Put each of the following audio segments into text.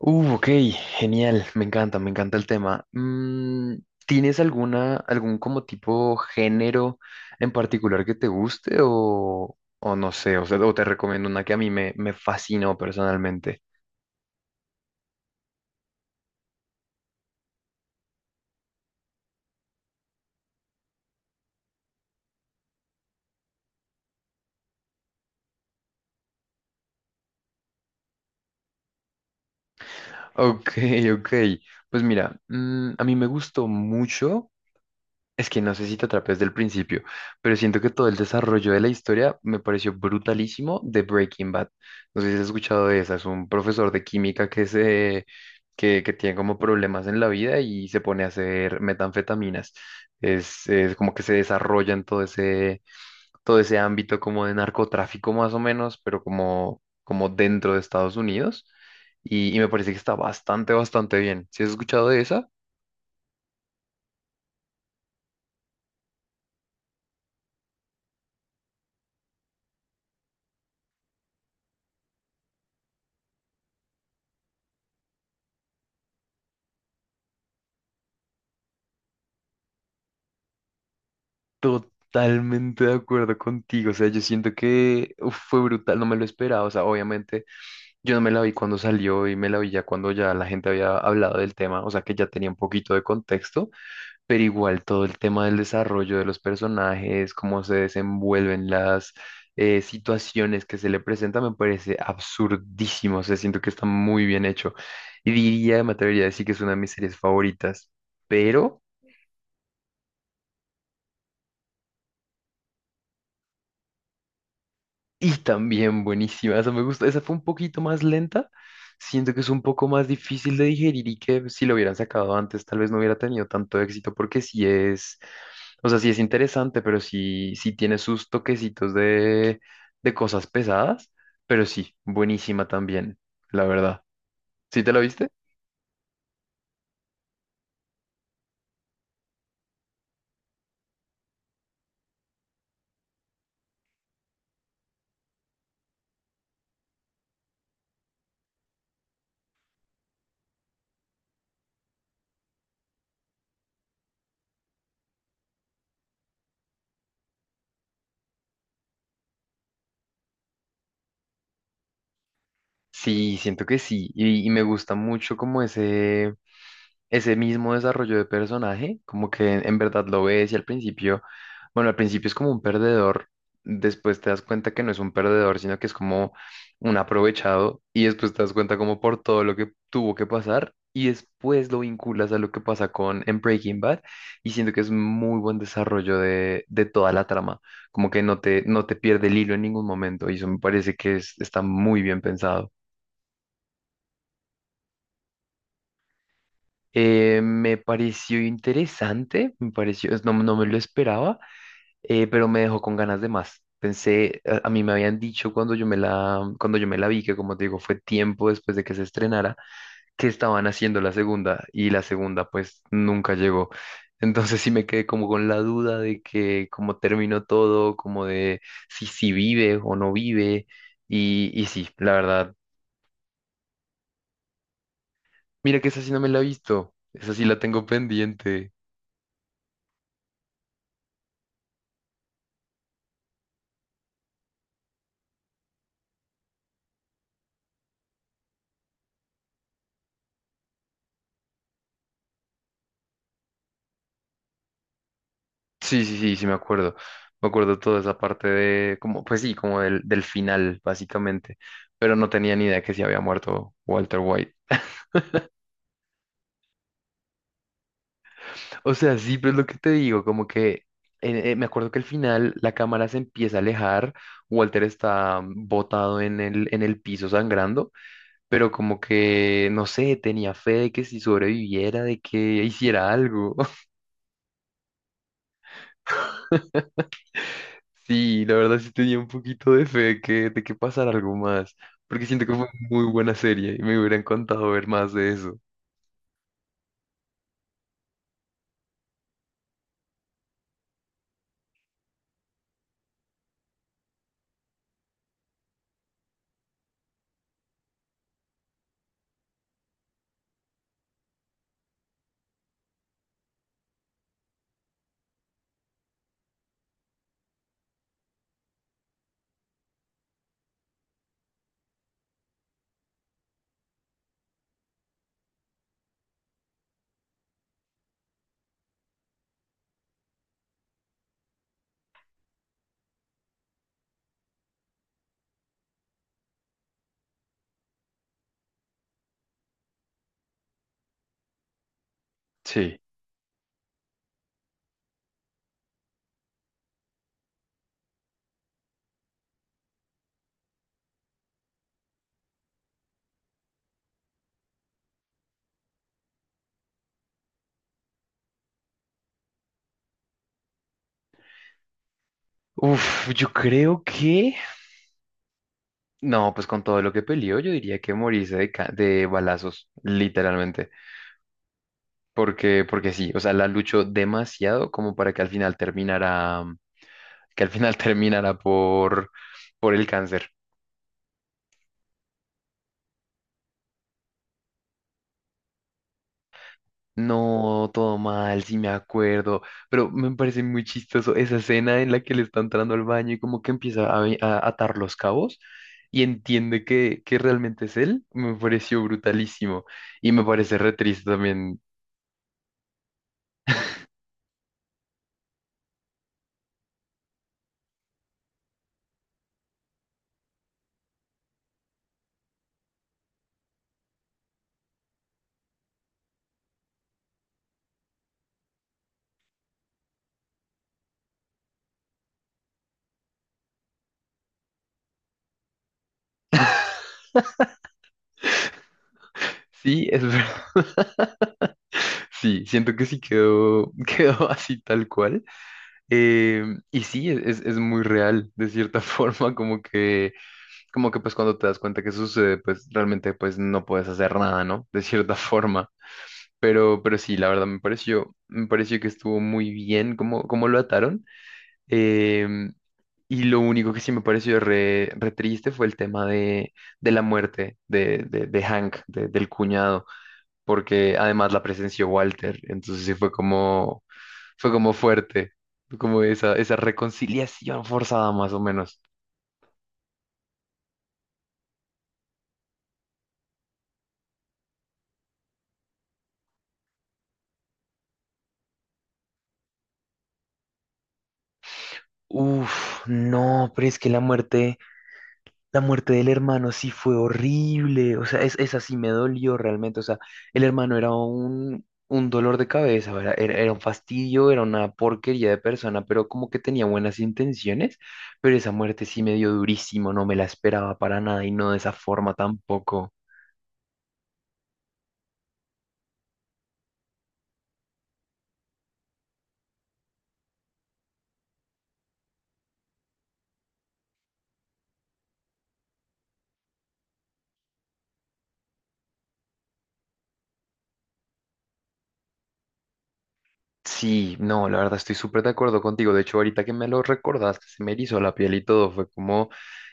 Ok, genial, me encanta el tema. ¿Tienes algún como tipo género en particular que te guste o no sé, o sea, o te recomiendo una que a mí me fascinó personalmente? Ok, ok, pues mira, a mí me gustó mucho. Es que no sé si te atrapé desde el principio, pero siento que todo el desarrollo de la historia me pareció brutalísimo de Breaking Bad. No sé si has escuchado de esa, es un profesor de química que tiene como problemas en la vida y se pone a hacer metanfetaminas. Es como que se desarrolla en todo ese ámbito como de narcotráfico más o menos, pero como dentro de Estados Unidos. Y me parece que está bastante bien. ¿Si has escuchado de esa? Totalmente de acuerdo contigo, o sea, yo siento que uf, fue brutal, no me lo esperaba, o sea, obviamente yo no me la vi cuando salió y me la vi ya cuando ya la gente había hablado del tema, o sea, que ya tenía un poquito de contexto, pero igual todo el tema del desarrollo de los personajes, cómo se desenvuelven las situaciones que se le presentan, me parece absurdísimo, o sea, siento que está muy bien hecho y diría, me atrevería a decir que es una de mis series favoritas, pero... Y también buenísima, esa me gusta. Esa fue un poquito más lenta. Siento que es un poco más difícil de digerir y que si lo hubieran sacado antes, tal vez no hubiera tenido tanto éxito, porque sí es, o sea, sí es interesante, pero sí, tiene sus toquecitos de cosas pesadas. Pero sí, buenísima también, la verdad. ¿Sí te la viste? Sí, siento que sí. Y me gusta mucho como ese. Ese mismo desarrollo de personaje, como que en verdad lo ves y al principio, bueno, al principio es como un perdedor, después te das cuenta que no es un perdedor, sino que es como un aprovechado y después te das cuenta como por todo lo que tuvo que pasar y después lo vinculas a lo que pasa con en Breaking Bad y siento que es muy buen desarrollo de toda la trama, como que no te pierde el hilo en ningún momento y eso me parece que está muy bien pensado. Me pareció interesante, no, no me lo esperaba, pero me dejó con ganas de más. Pensé, a mí me habían dicho cuando cuando yo me la vi, que como te digo, fue tiempo después de que se estrenara, que estaban haciendo la segunda y la segunda pues nunca llegó. Entonces sí me quedé como con la duda de que cómo terminó todo, como de si vive o no vive. Y sí, la verdad, mira que esa sí no me la he visto, esa sí la tengo pendiente. Sí, sí, sí, sí, me acuerdo. Me acuerdo toda esa parte de, como, pues sí, como del final, básicamente. Pero no tenía ni idea que se había muerto Walter White. O sea, sí, pero es lo que te digo, como que me acuerdo que al final la cámara se empieza a alejar, Walter está botado en en el piso sangrando, pero como que, no sé, tenía fe de que si sobreviviera, de que hiciera algo. Sí, la verdad sí tenía un poquito de fe de de que pasara algo más, porque siento que fue muy buena serie y me hubiera encantado ver más de eso. Sí. Uf, yo creo que... No, pues con todo lo que peleó, yo diría que morirse de balazos, literalmente. Porque sí, o sea, la luchó demasiado como para que al final terminara, que al final terminara por el cáncer. No, todo mal, sí me acuerdo, pero me parece muy chistoso esa escena en la que le está entrando al baño y como que empieza a atar los cabos y entiende que realmente es él, me pareció brutalísimo y me parece re triste también. Sí, es verdad. Sí, siento que sí quedó, quedó así tal cual. Eh, y sí, es es muy real, de cierta forma, como que pues cuando te das cuenta que sucede, pues realmente pues no puedes hacer nada, ¿no? De cierta forma. Pero sí, la verdad me pareció que estuvo muy bien cómo, cómo lo ataron. Em, y lo único que sí me pareció re, re triste fue el tema de la muerte de Hank, del cuñado, porque además la presenció Walter. Entonces sí fue como fuerte, como esa reconciliación forzada más o menos. Uf, no, pero es que la muerte. La muerte del hermano sí fue horrible, o sea, es, esa sí me dolió realmente, o sea, el hermano era un dolor de cabeza, era un fastidio, era una porquería de persona, pero como que tenía buenas intenciones, pero esa muerte sí me dio durísimo, no me la esperaba para nada y no de esa forma tampoco. Sí, no, la verdad estoy súper de acuerdo contigo. De hecho, ahorita que me lo recordaste, se me erizó la piel y todo. Fue como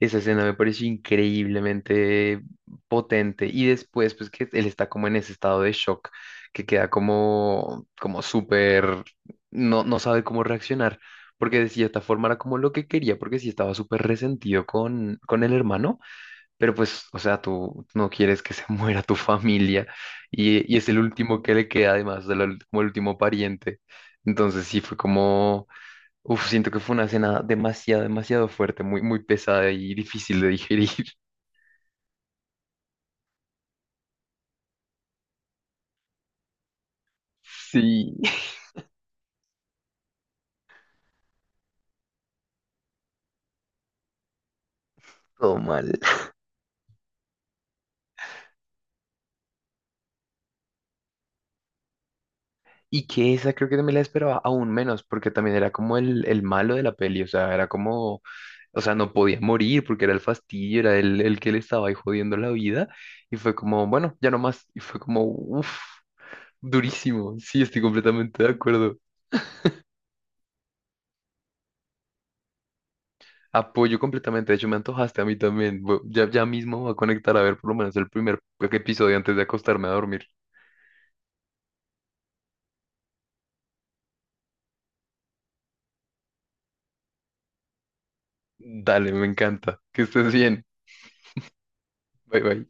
esa escena me pareció increíblemente potente. Y después, pues que él está como en ese estado de shock, que queda como, como súper, no sabe cómo reaccionar. Porque de cierta forma era como lo que quería, porque sí estaba súper resentido con el hermano. Pero pues, o sea, tú no quieres que se muera tu familia y es el último que le queda, además, como el último pariente. Entonces sí, fue como, uf, siento que fue una escena demasiado, demasiado fuerte, muy, muy pesada y difícil de digerir. Sí, todo mal. Y que esa creo que también la esperaba aún menos, porque también era como el malo de la peli, o sea, era como, o sea, no podía morir porque era el fastidio, era el que le estaba ahí jodiendo la vida. Y fue como, bueno, ya no más. Y fue como, uff. Durísimo, sí, estoy completamente de acuerdo. Apoyo completamente, de hecho me antojaste a mí también. Voy- Ya, ya mismo voy a conectar a ver por lo menos el primer episodio antes de acostarme a dormir. Dale, me encanta. Que estés bien. Bye bye.